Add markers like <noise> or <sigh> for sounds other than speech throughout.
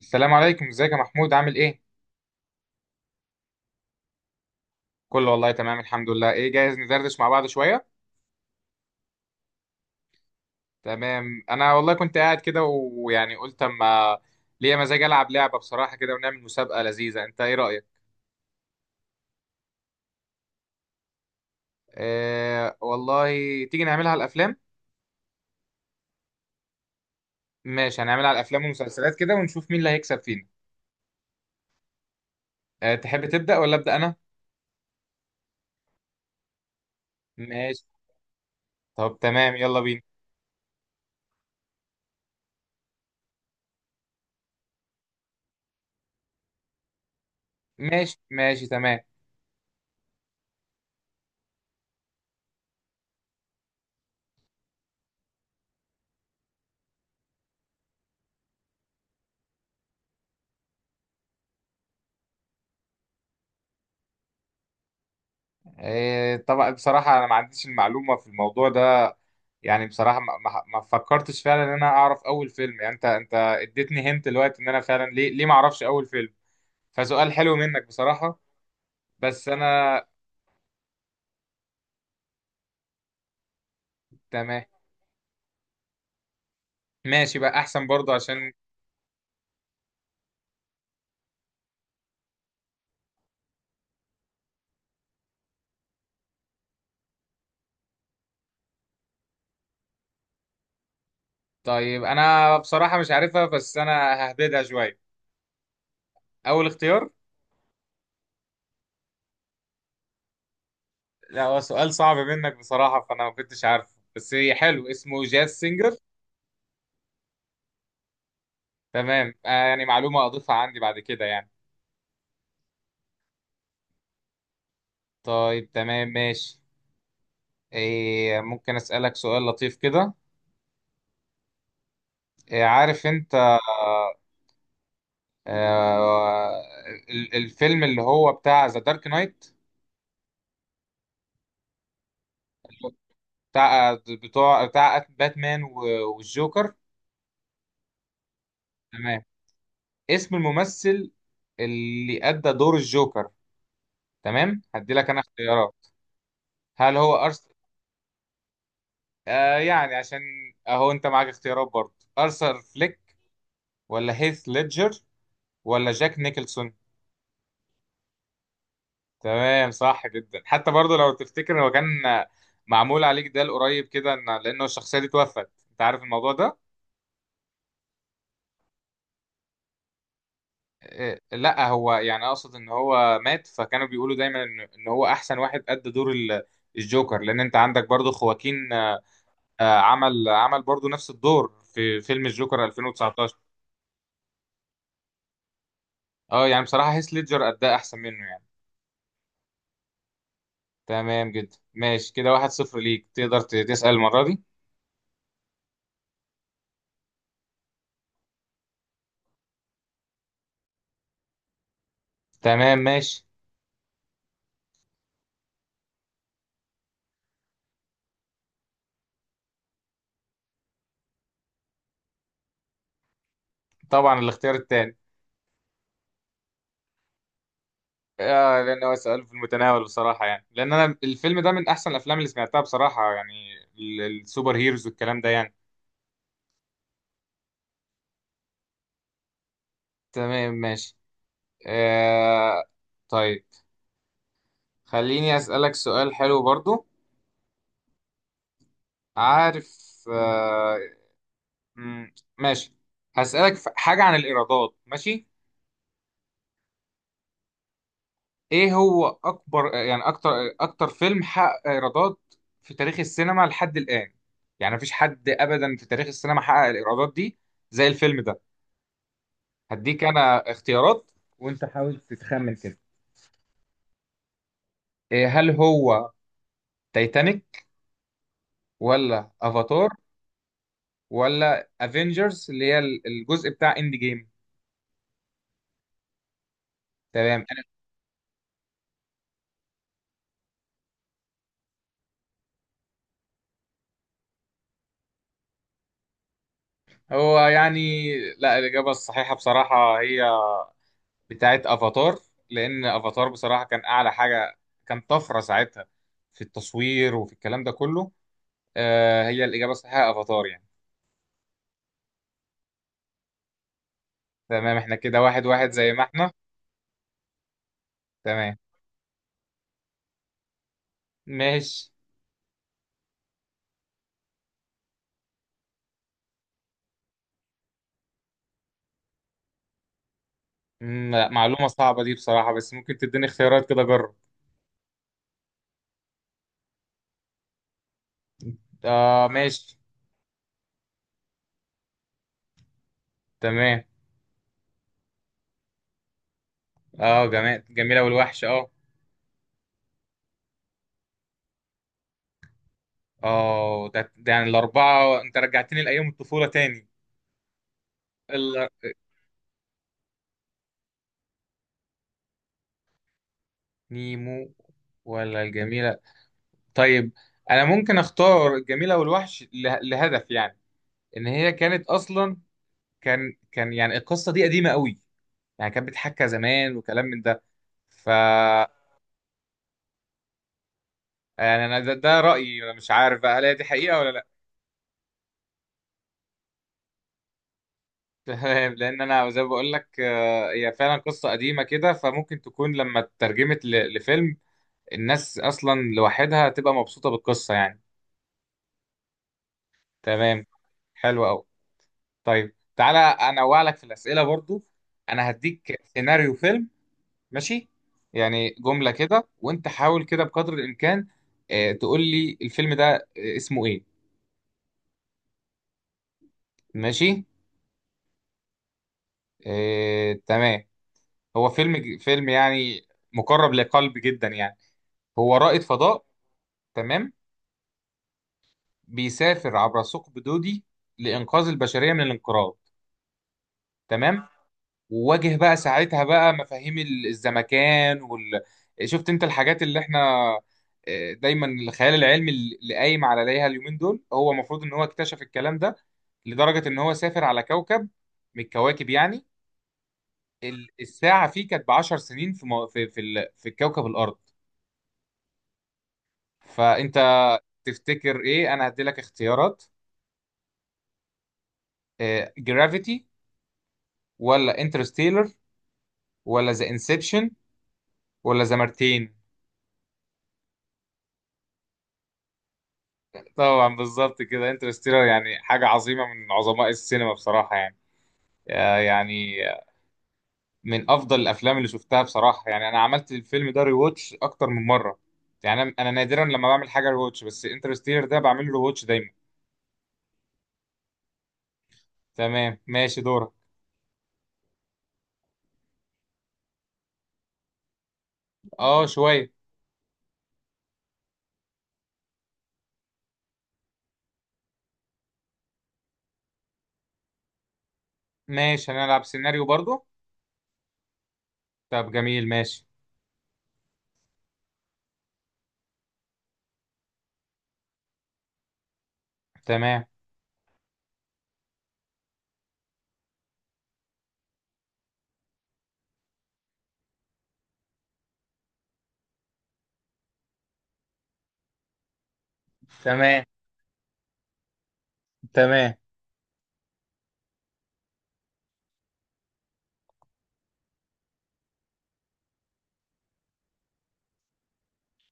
السلام عليكم، ازيك يا محمود؟ عامل ايه؟ كله والله تمام، الحمد لله. ايه، جاهز ندردش مع بعض شويه؟ تمام، انا والله كنت قاعد كده ويعني قلت اما ليا مزاج العب لعبه بصراحه كده، ونعمل مسابقه لذيذه. انت ايه رايك؟ آه والله، تيجي نعملها على الافلام. ماشي، هنعملها على الافلام والمسلسلات كده ونشوف مين اللي هيكسب فينا. آه، تحب تبدا ولا ابدا انا؟ ماشي، طب تمام يلا بينا. ماشي، ماشي، تمام. آه طبعا، بصراحه انا ما عنديش المعلومه في الموضوع ده. يعني بصراحة ما فكرتش فعلا ان انا اعرف اول فيلم، يعني انت اديتني هنت دلوقتي ان انا فعلا ليه ما اعرفش اول فيلم. فسؤال حلو منك بصراحة. بس انا. تمام، ماشي بقى احسن برضو عشان. طيب، انا بصراحة مش عارفها، بس انا ههبدها شوية. اول اختيار. لا، هو سؤال صعب منك بصراحة، فانا ما كنتش عارفه، بس هي حلو اسمه جاز سينجر. تمام. آه يعني معلومة اضيفها عندي بعد كده يعني. طيب، تمام، ماشي. إيه، ممكن اسألك سؤال لطيف كده؟ إيه، عارف انت؟ آه، الفيلم اللي هو بتاع ذا دارك نايت، بتاع باتمان والجوكر. تمام. اسم الممثل اللي أدى دور الجوكر؟ تمام، هدي لك أنا اختيارات. هل هو آه يعني عشان أهو أنت معاك اختيارات برضه. أرثر فليك، ولا هيث ليدجر، ولا جاك نيكلسون؟ تمام، صح جدا. حتى برضه لو تفتكر هو كان معمول عليك ده قريب كده، لأنه الشخصية دي توفت. أنت عارف الموضوع ده. لا، هو يعني اقصد ان هو مات، فكانوا بيقولوا دايما ان هو احسن واحد ادى دور الجوكر، لان انت عندك برضو خواكين. عمل برضو نفس الدور في فيلم الجوكر 2019. اه، يعني بصراحة هيث ليدجر اداه احسن منه يعني. تمام جدا، ماشي كده، واحد صفر ليك. تقدر تسأل المرة دي. تمام، ماشي. طبعا الاختيار التاني. آه، لان هو سؤال في المتناول بصراحة، يعني لان انا الفيلم ده من احسن الافلام اللي سمعتها بصراحة، يعني السوبر هيروز والكلام ده يعني. تمام، ماشي. آه. طيب، خليني أسألك سؤال حلو برضو. عارف؟ ماشي. هسألك حاجة عن الإيرادات، ماشي؟ إيه هو أكبر، يعني أكتر فيلم حقق إيرادات في تاريخ السينما لحد الآن؟ يعني مفيش حد أبدا في تاريخ السينما حقق الإيرادات دي زي الفيلم ده. هديك أنا اختيارات وأنت حاول تتخمن كده. إيه، هل هو تايتانيك، ولا افاتار، ولا افنجرز اللي هي الجزء بتاع اند جيم؟ تمام انا. هو يعني لا، الاجابه الصحيحه بصراحه هي بتاعت افاتار. لان افاتار بصراحه كان اعلى حاجه، كان طفره ساعتها في التصوير وفي الكلام ده كله. آه، هي الاجابه الصحيحه افاتار يعني. تمام، احنا كده واحد واحد زي ما احنا. تمام، ماشي. مم، لا، معلومه صعبه دي بصراحه، بس ممكن تديني اختيارات كده اجرب. اه، ماشي. تمام. اه، جميل، جميله والوحش اه. اه، ده يعني الأربعة، أنت رجعتني لأيام الطفولة تاني. إلا. نيمو ولا الجميلة؟ طيب، أنا ممكن أختار الجميلة والوحش لهدف، يعني إن هي كانت أصلا، كان يعني القصة دي قديمة قوي، يعني كانت بتحكى زمان وكلام من ده. ف يعني أنا ده رأيي، أنا مش عارف بقى هل هي دي حقيقة ولا لأ. <laughs> تمام، لأن أنا زي ما بقول لك هي فعلا قصة قديمة كده، فممكن تكون لما اترجمت لفيلم الناس اصلا لوحدها هتبقى مبسوطه بالقصه يعني. تمام. حلو قوي. طيب، تعالى انوع لك في الاسئله برضو. انا هديك سيناريو فيلم، ماشي؟ يعني جمله كده وانت حاول كده بقدر الامكان تقول لي الفيلم ده اسمه ايه. ماشي. تمام. هو فيلم يعني مقرب لقلب جدا، يعني هو رائد فضاء. تمام. بيسافر عبر ثقب دودي لإنقاذ البشرية من الانقراض. تمام. وواجه بقى ساعتها بقى مفاهيم الزمكان شفت انت الحاجات اللي احنا دايما الخيال العلمي اللي قايم عليها اليومين دول، هو المفروض ان هو اكتشف الكلام ده لدرجة ان هو سافر على كوكب من الكواكب، يعني الساعة فيه كانت ب 10 سنين في مو- في في, ال... في كوكب الأرض. فانت تفتكر ايه؟ انا هدي لك اختيارات. جرافيتي، ولا انترستيلر، ولا ذا انسبشن، ولا ذا مارتين؟ طبعا بالظبط كده، انترستيلر يعني حاجة عظيمة من عظماء السينما بصراحة يعني. يعني من أفضل الأفلام اللي شفتها بصراحة، يعني أنا عملت الفيلم ده ريواتش أكتر من مرة. يعني أنا نادرا لما بعمل حاجة ريواتش، بس انترستيلر ده بعمل له ريواتش دايما. تمام، ماشي، دورك. أه شوية. ماشي، هنلعب سيناريو برضو. طب جميل، ماشي. تمام، تمام، تمام.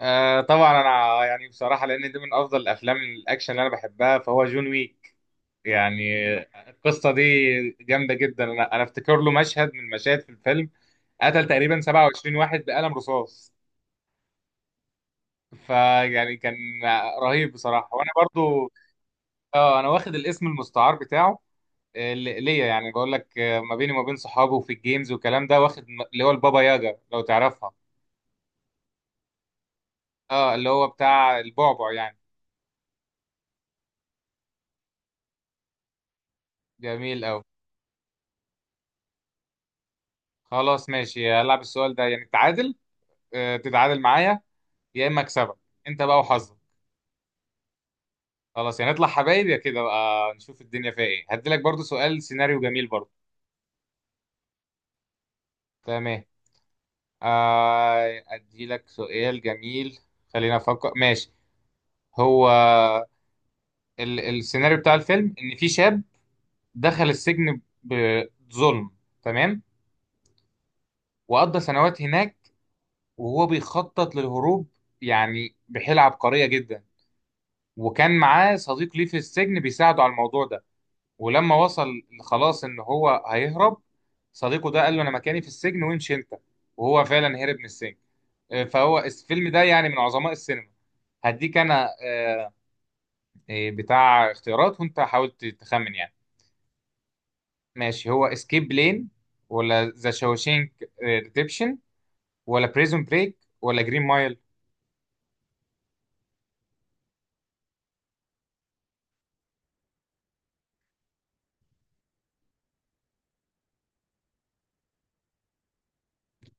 آه طبعا، أنا يعني بصراحة لأن دي من أفضل الأفلام الأكشن اللي أنا بحبها، فهو جون ويك. يعني القصة دي جامدة جدا، أنا أفتكر له مشهد من المشاهد في الفيلم قتل تقريبا 27 واحد بقلم رصاص. فيعني كان رهيب بصراحة، وأنا برضو. أه، أنا واخد الاسم المستعار بتاعه. ليا، يعني بقول لك ما بيني وما بين صحابه وفي الجيمز والكلام ده، واخد اللي هو البابا ياجا، لو تعرفها. أه اللي هو بتاع البعبع يعني. جميل أوي. خلاص، ماشي، هلعب السؤال ده يعني تعادل، تتعادل معايا يا إما أكسبك. أنت بقى وحظك. خلاص، يعني نطلع حبايب يا كده بقى، نشوف الدنيا فيها ايه. هديلك برضو سؤال سيناريو جميل برضو. تمام. اديلك سؤال جميل. خلينا افكر، ماشي. هو ال السيناريو بتاع الفيلم، ان في شاب دخل السجن بظلم، تمام؟ وقضى سنوات هناك وهو بيخطط للهروب، يعني بحيلة عبقرية جدا. وكان معاه صديق ليه في السجن بيساعده على الموضوع ده. ولما وصل خلاص ان هو هيهرب، صديقه ده قال له انا مكاني في السجن وامشي انت. وهو فعلا هرب من السجن. فهو الفيلم ده يعني من عظماء السينما. هديك انا بتاع اختيارات وانت حاول تخمن يعني. ماشي، هو اسكيب بلين، ولا ذا شاوشينك ريديمشن، ولا بريزون بريك، ولا جرين مايل؟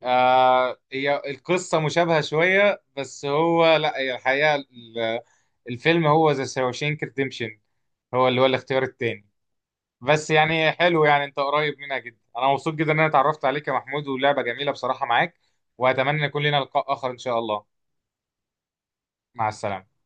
آه، هي القصة مشابهة شوية، بس هو لا، هي الحقيقة الفيلم هو ذا شاوشينك ريديمشن، هو اللي هو الاختيار التاني. بس يعني حلو، يعني انت قريب منها جدا. انا مبسوط جدا ان انا اتعرفت عليك يا محمود، ولعبة جميلة بصراحة معاك. واتمنى يكون لنا لقاء اخر ان شاء الله. مع السلامة.